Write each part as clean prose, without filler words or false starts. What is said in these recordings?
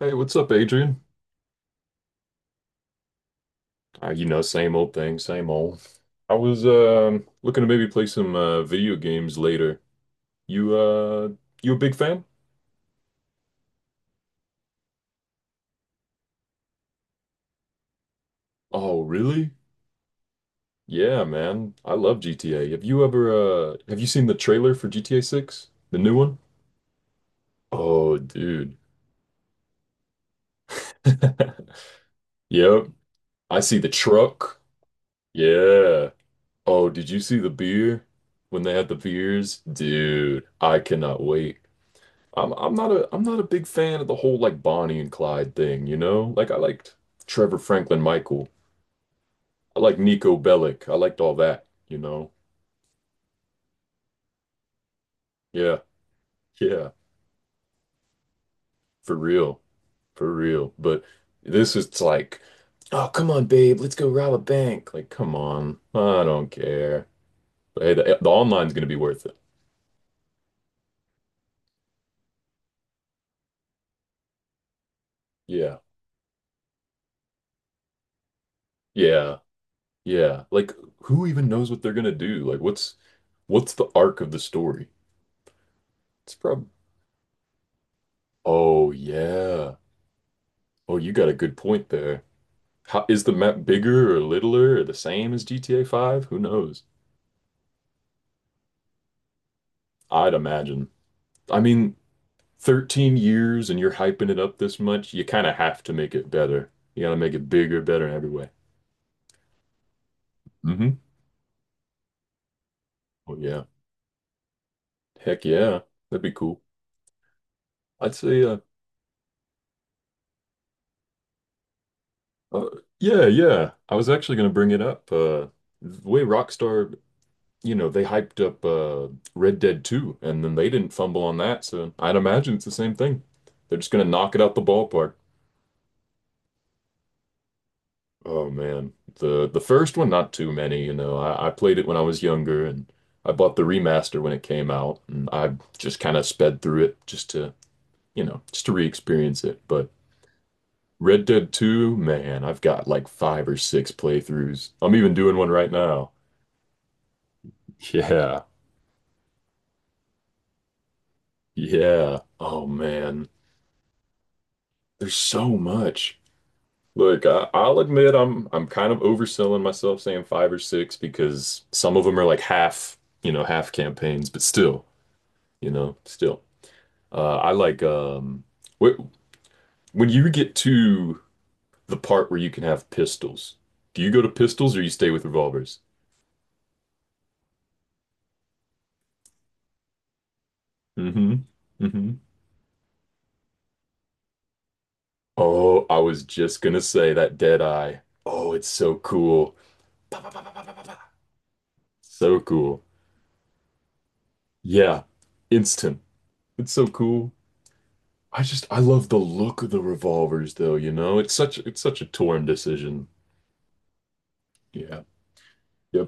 Hey, what's up, Adrian? Same old thing, same old. I was looking to maybe play some video games later. You uh you a big fan? Oh, really? Yeah, man. I love GTA. Have you seen the trailer for GTA 6? The new one? Oh, dude. Yep. I see the truck. Yeah. Oh, did you see the beer? When they had the beers? Dude, I cannot wait. I'm not a big fan of the whole like Bonnie and Clyde thing, you know? Like I liked Trevor Franklin Michael. I like Nico Bellic. I liked all that, you know? Yeah. Yeah. For real. For real. But this is like, oh, come on, babe, let's go rob a bank. Like, come on. I don't care. But hey, the online's gonna be worth it. Yeah. Yeah. Yeah. Like who even knows what they're gonna do? Like what's the arc of the story? It's probably. Oh yeah. Oh, you got a good point there. Is the map bigger or littler or the same as GTA 5? Who knows? I'd imagine. I mean, 13 years and you're hyping it up this much, you kind of have to make it better. You gotta make it bigger, better in every way. Mm-hmm. Oh, yeah. Heck yeah. That'd be cool. I'd say, uh, yeah, yeah. I was actually gonna bring it up. The way Rockstar, they hyped up Red Dead 2, and then they didn't fumble on that, so I'd imagine it's the same thing. They're just gonna knock it out the ballpark. Oh man, the first one, not too many. I played it when I was younger, and I bought the remaster when it came out, and I just kind of sped through it just to re-experience it. But Red Dead 2, man, I've got like five or six playthroughs. I'm even doing one right now. Yeah. Yeah. Oh man, there's so much. Look, I'll admit I'm kind of overselling myself saying five or six because some of them are like half campaigns, but still. Still. I like wh- when you get to the part where you can have pistols. Do you go to pistols or you stay with revolvers? Hmm. Hmm. Oh, I was just gonna say that dead eye. Oh, it's so cool. Pa, pa, pa, pa, pa, pa, pa, pa. So cool. Yeah. Instant. It's so cool. I love the look of the revolvers though, you know? It's such a torn decision. Yeah. Yeah,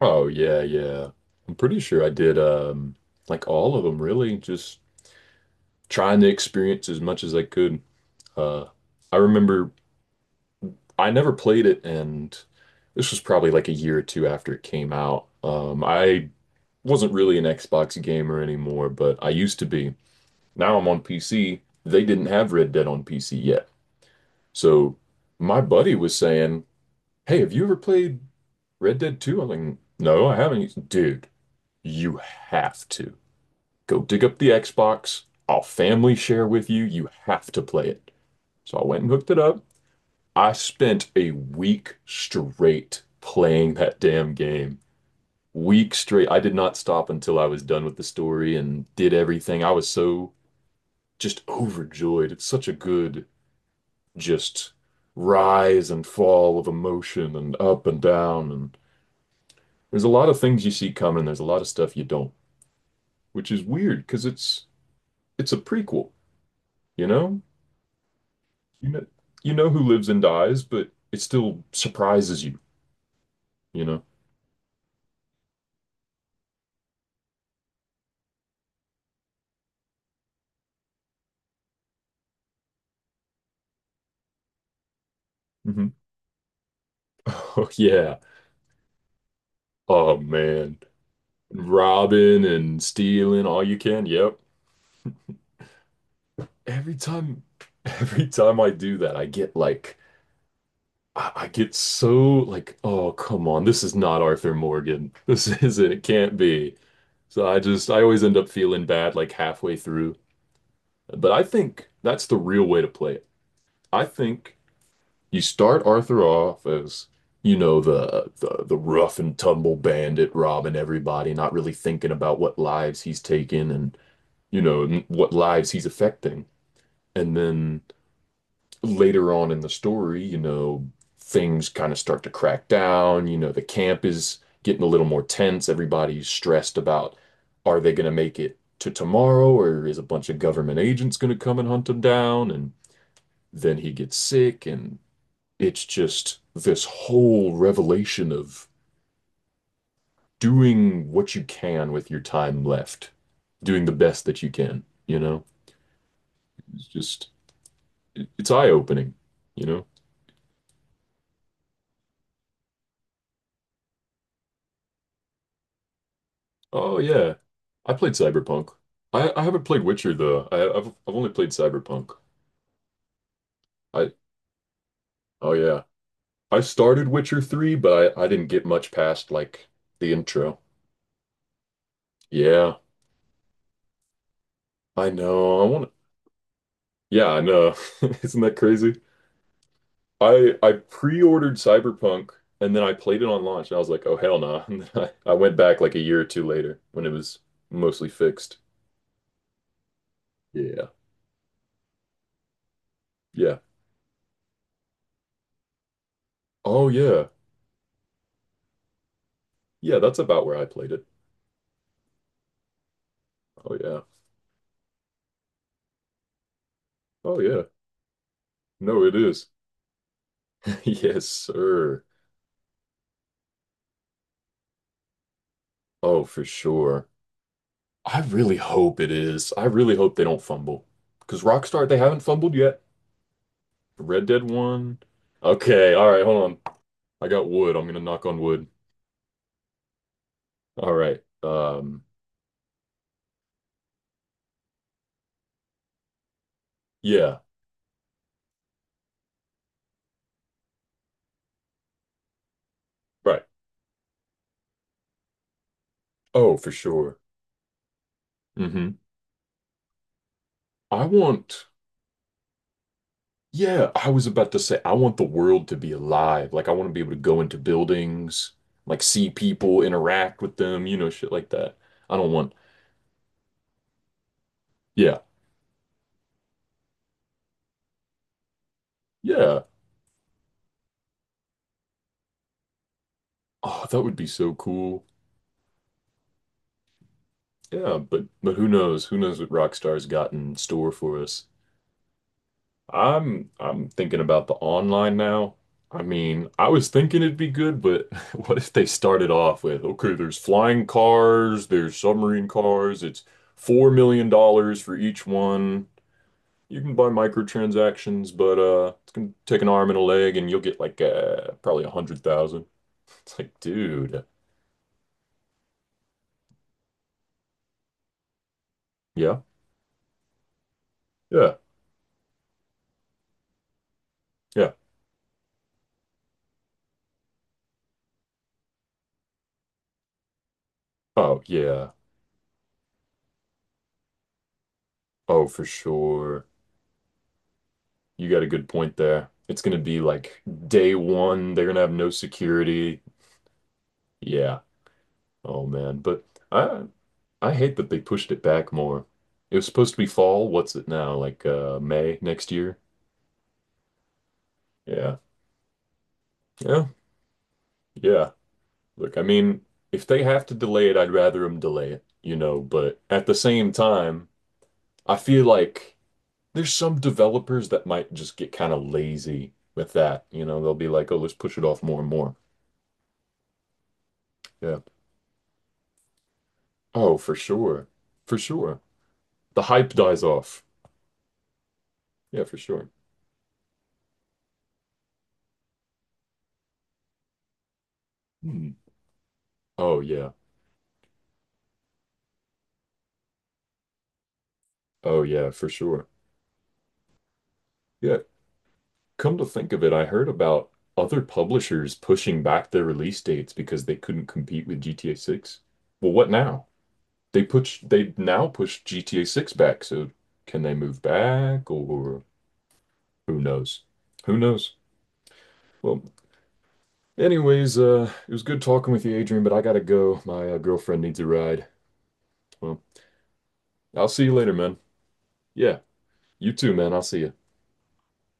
oh yeah, yeah. I'm pretty sure I did like all of them really, just trying to experience as much as I could. Uh I remember I never played it, and this was probably like a year or two after it came out. I wasn't really an Xbox gamer anymore, but I used to be. Now I'm on PC. They didn't have Red Dead on PC yet. So my buddy was saying, "Hey, have you ever played Red Dead Two?" I'm like, "No, I haven't." He's, dude, you have to. Go dig up the Xbox. I'll family share with you. You have to play it. So I went and hooked it up. I spent a week straight playing that damn game. Week straight. I did not stop until I was done with the story and did everything. I was so just overjoyed. It's such a good just rise and fall of emotion and up and down, and there's a lot of things you see coming. There's a lot of stuff you don't, which is weird because it's a prequel, you know? You know, you know who lives and dies, but it still surprises you, you know? Hmm. Oh, yeah. Oh, man. Robbing and stealing all you can. Yep. Every time, every time I do that, I get like, I get so like, oh, come on. This is not Arthur Morgan. This isn't, it can't be. So I always end up feeling bad like halfway through. But I think that's the real way to play it. I think. You start Arthur off as, the rough and tumble bandit robbing everybody, not really thinking about what lives he's taken and what lives he's affecting. And then later on in the story, things kind of start to crack down. The camp is getting a little more tense. Everybody's stressed about, are they going to make it to tomorrow, or is a bunch of government agents going to come and hunt him down? And then he gets sick, and it's just this whole revelation of doing what you can with your time left, doing the best that you can, you know? It's just, it's eye-opening, you know? Oh, yeah. I played Cyberpunk. I haven't played Witcher, though. I've only played Cyberpunk. I, oh, yeah. I started Witcher 3, but I didn't get much past, like, the intro. Yeah, I know. I want to, yeah, I know. Isn't that crazy? I pre-ordered Cyberpunk, and then I played it on launch and I was like, oh hell nah. And then I went back like a year or two later when it was mostly fixed. Yeah. Yeah. Oh yeah. Yeah, that's about where I played it. Oh yeah. Oh yeah. No, it is. Yes, sir. Oh, for sure. I really hope it is. I really hope they don't fumble. Because Rockstar, they haven't fumbled yet. Red Dead 1. Okay, all right, hold on. I got wood. I'm gonna knock on wood. All right. Yeah. Right. Oh, for sure. Hmm. I want, yeah, I was about to say, I want the world to be alive. Like, I want to be able to go into buildings, like, see people, interact with them, shit like that. I don't want. Yeah, yeah. Oh, that would be so cool. Yeah, but who knows? Who knows what Rockstar's got in store for us? I'm thinking about the online now. I mean, I was thinking it'd be good, but what if they started off with, okay, there's flying cars, there's submarine cars, it's $4 million for each one. You can buy microtransactions, but it's gonna take an arm and a leg and you'll get like probably 100,000. It's like, dude, yeah, yeah, yeah. Oh yeah. Oh, for sure. You got a good point there. It's gonna be like day one, they're gonna have no security. Yeah. Oh man. But I I hate that they pushed it back more. It was supposed to be fall. What's it now? Like May next year? Yeah. Yeah. Yeah. Look, I mean, if they have to delay it, I'd rather them delay it, but at the same time, I feel like there's some developers that might just get kind of lazy with that. They'll be like, "Oh, let's push it off more and more." Yeah. Oh, for sure. For sure. The hype dies off. Yeah, for sure. Hmm. Oh yeah. Oh yeah, for sure. Yeah, come to think of it, I heard about other publishers pushing back their release dates because they couldn't compete with GTA 6. Well, what now? They now push GTA 6 back, so can they move back, or who knows? Who knows? Well, anyways, it was good talking with you, Adrian, but I gotta go. My girlfriend needs a ride. Well, I'll see you later, man. Yeah, you too, man. I'll see you.